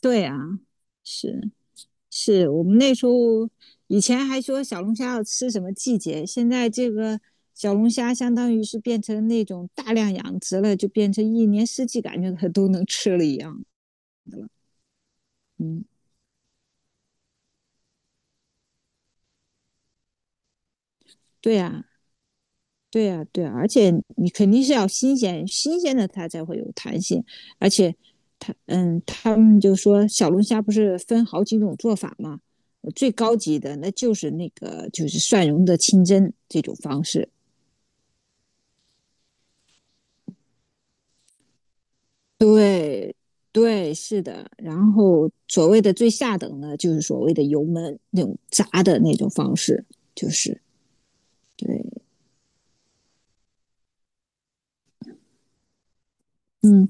对啊，是是，我们那时候以前还说小龙虾要吃什么季节，现在这个小龙虾相当于是变成那种大量养殖了，就变成一年四季感觉它都能吃了一样。嗯，对呀，对呀，对啊，而且你肯定是要新鲜，新鲜的它才会有弹性，而且它他们就说小龙虾不是分好几种做法吗？最高级的那就是那个就是蒜蓉的清蒸这种方式，对对，是的。然后所谓的最下等的，就是所谓的油焖那种炸的那种方式，就是对，嗯，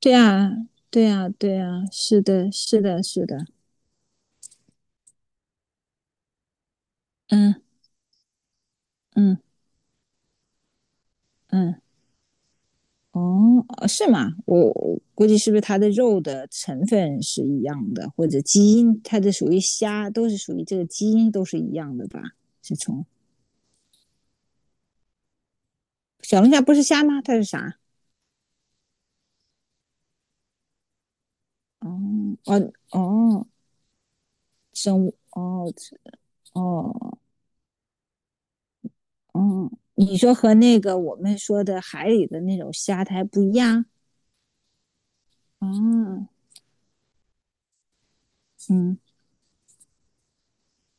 对啊，对啊，对啊，是的，是的，是的，嗯嗯嗯，哦，是吗？我估计是不是它的肉的成分是一样的，或者基因，它的属于虾，都是属于这个基因都是一样的吧？是从。小龙虾不是虾吗？它是啥？哦哦哦，生物哦，哦，哦，你说和那个我们说的海里的那种虾它还不一样？哦，嗯，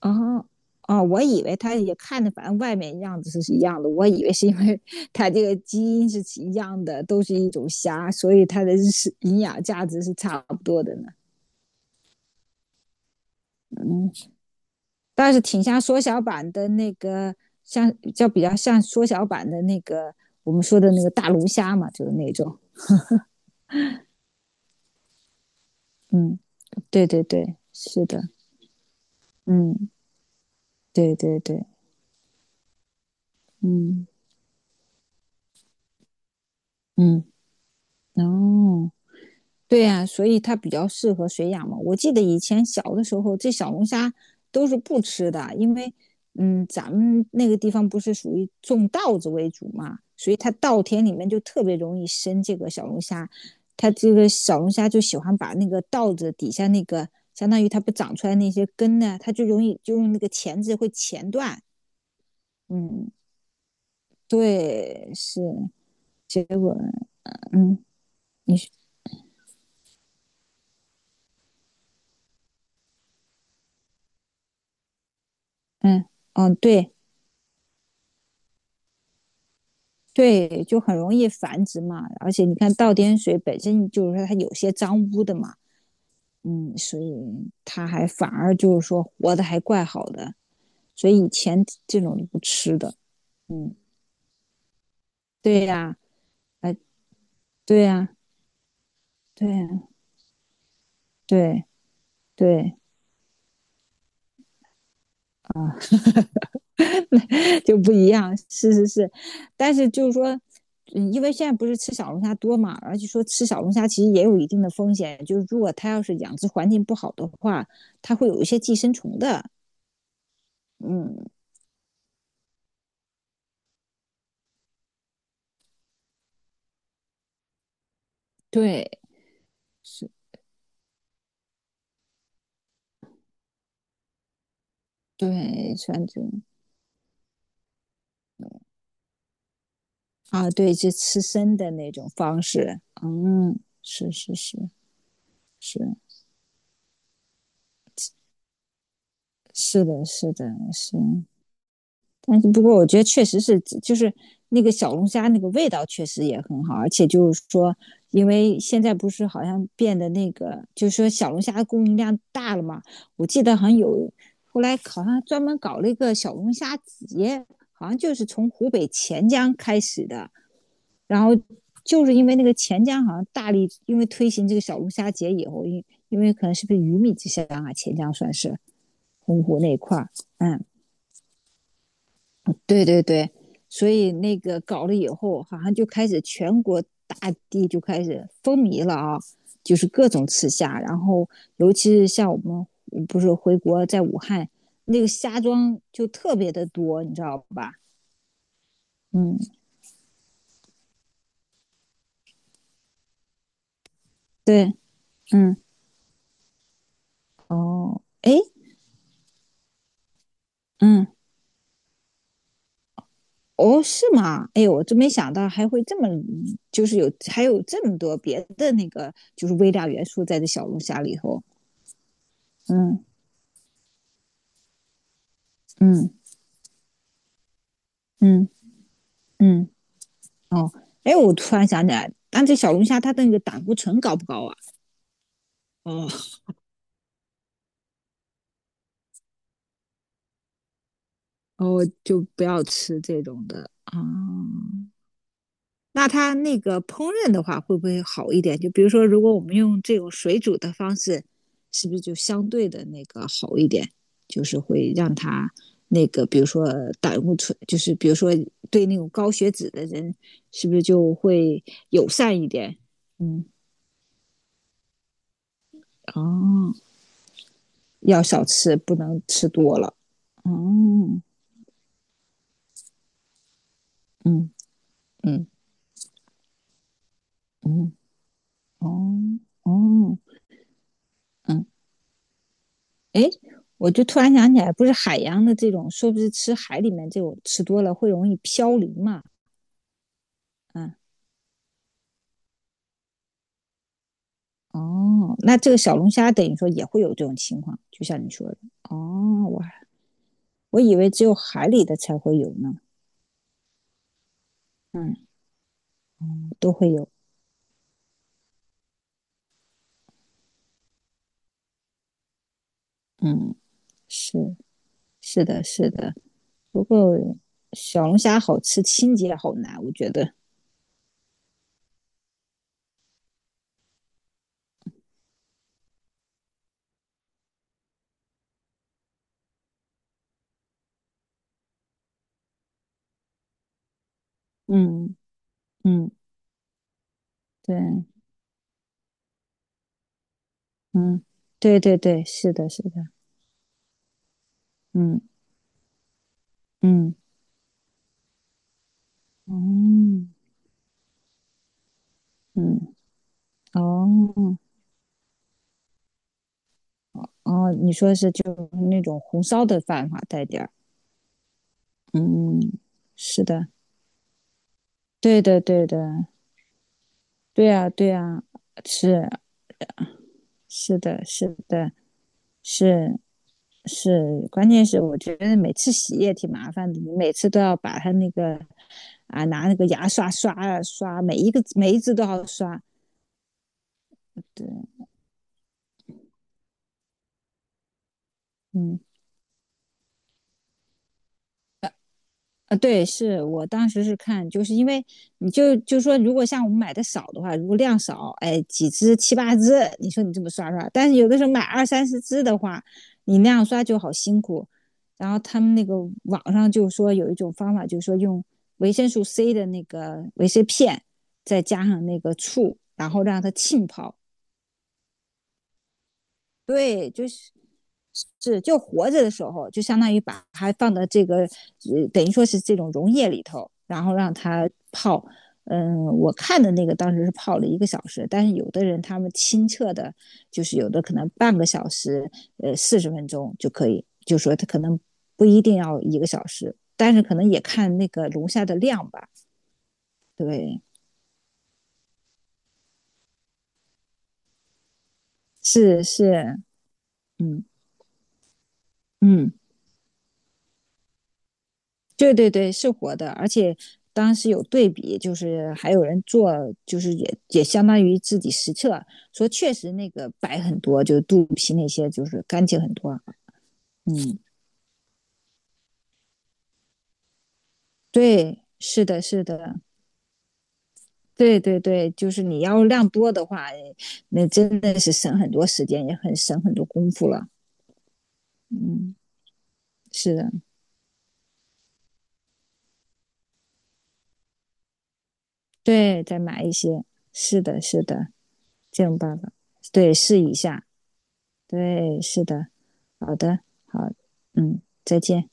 哦，哦，我以为它也看着，反正外面样子是一样的，我以为是因为 它这个基因是一样的，都是一种虾，所以它的是营养价值是差不多的呢。嗯，但是挺像缩小版的那个，像叫比较像缩小版的那个我们说的那个大龙虾嘛，就是那种。嗯，对对对，是的。嗯，对对对，嗯嗯，哦，对呀、所以它比较适合水养嘛。我记得以前小的时候，这小龙虾都是不吃的，因为嗯，咱们那个地方不是属于种稻子为主嘛，所以它稻田里面就特别容易生这个小龙虾。它这个小龙虾就喜欢把那个稻子底下那个，相当于它不长出来那些根呢，它就容易就用那个钳子会钳断。嗯，对，是结果，嗯，嗯嗯，对对，就很容易繁殖嘛。而且你看倒点水本身就是说它有些脏污的嘛，嗯，所以它还反而就是说活的还怪好的。所以以前这种都不吃的，嗯，对呀、哎，对呀、对呀、对对啊、就不一样，是是是。但是就是说，嗯，因为现在不是吃小龙虾多嘛，而且说吃小龙虾其实也有一定的风险，就是如果它要是养殖环境不好的话，它会有一些寄生虫的，嗯，对，是，对，反正啊，对，就吃生的那种方式，嗯，是是是是是的，是的，是。但是不过，我觉得确实是，就是那个小龙虾那个味道确实也很好，而且就是说，因为现在不是好像变得那个，就是说小龙虾的供应量大了嘛，我记得好像有后来好像专门搞了一个小龙虾节，好像就是从湖北潜江开始的。然后就是因为那个钱江好像大力，因为推行这个小龙虾节以后，因为可能是不是鱼米之乡啊，钱江算是洪湖那一块儿，嗯，对对对，所以那个搞了以后，好像就开始全国大地就开始风靡了啊，就是各种吃虾，然后尤其是像我们不是回国在武汉那个虾庄就特别的多，你知道吧？嗯，对，嗯，哦，哎，嗯。哦，是吗？哎，我真没想到还会这么，就是有还有这么多别的那个，就是微量元素在这小龙虾里头。嗯嗯嗯嗯，哦，哎，我突然想起来，但这小龙虾它的那个胆固醇高不高啊？哦哦，就不要吃这种的啊。那它那个烹饪的话，会不会好一点？就比如说，如果我们用这种水煮的方式，是不是就相对的那个好一点？就是会让它那个，比如说胆固醇，就是比如说对那种高血脂的人，是不是就会友善一点？嗯，哦，要少吃，不能吃多了。哦，嗯嗯嗯，哦哦哦，嗯。哎，我就突然想起来，不是海洋的这种，说不是吃海里面这种吃多了会容易飘离嘛？嗯，哦，那这个小龙虾等于说也会有这种情况，就像你说的。哦，我以为只有海里的才会有呢。嗯，都会有。嗯，是是的，是的。不过小龙虾好吃，清洁好难，我觉得。嗯嗯，对，嗯，对对对，是的，是的。嗯嗯，哦，嗯哦。哦，你说是就那种红烧的饭哈，带点儿。嗯，是的，对的，对的，对啊，对啊，是是的，是的，是是，关键是我觉得每次洗也挺麻烦的，你每次都要把它那个啊拿那个牙刷刷啊刷，每一个每一只都要刷。对，嗯，啊，对，是我当时是看，就是因为你就说，如果像我们买的少的话，如果量少，哎，几只七八只，你说你这么刷刷，但是有的时候买二三十只的话，你那样刷就好辛苦。然后他们那个网上就说有一种方法，就是说用维生素 C 的那个维 C 片，再加上那个醋，然后让它浸泡。对，就是，就活着的时候，就相当于把它放到这个，等于说是这种溶液里头，然后让它泡。嗯，我看的那个当时是泡了一个小时，但是有的人他们清澈的，就是有的可能半个小时，40分钟就可以，就说他可能不一定要一个小时，但是可能也看那个龙虾的量吧。对，是是，嗯嗯。对对对，是活的，而且当时有对比，就是还有人做，就是也相当于自己实测，说确实那个白很多，就是肚皮那些就是干净很多啊。嗯，对，是的，是的，对对对，就是你要量多的话，那真的是省很多时间，也很省很多功夫了。嗯，是的，对，再买一些，是的，是的，这种办法，对，试一下，对，是的，好的，好，嗯，再见。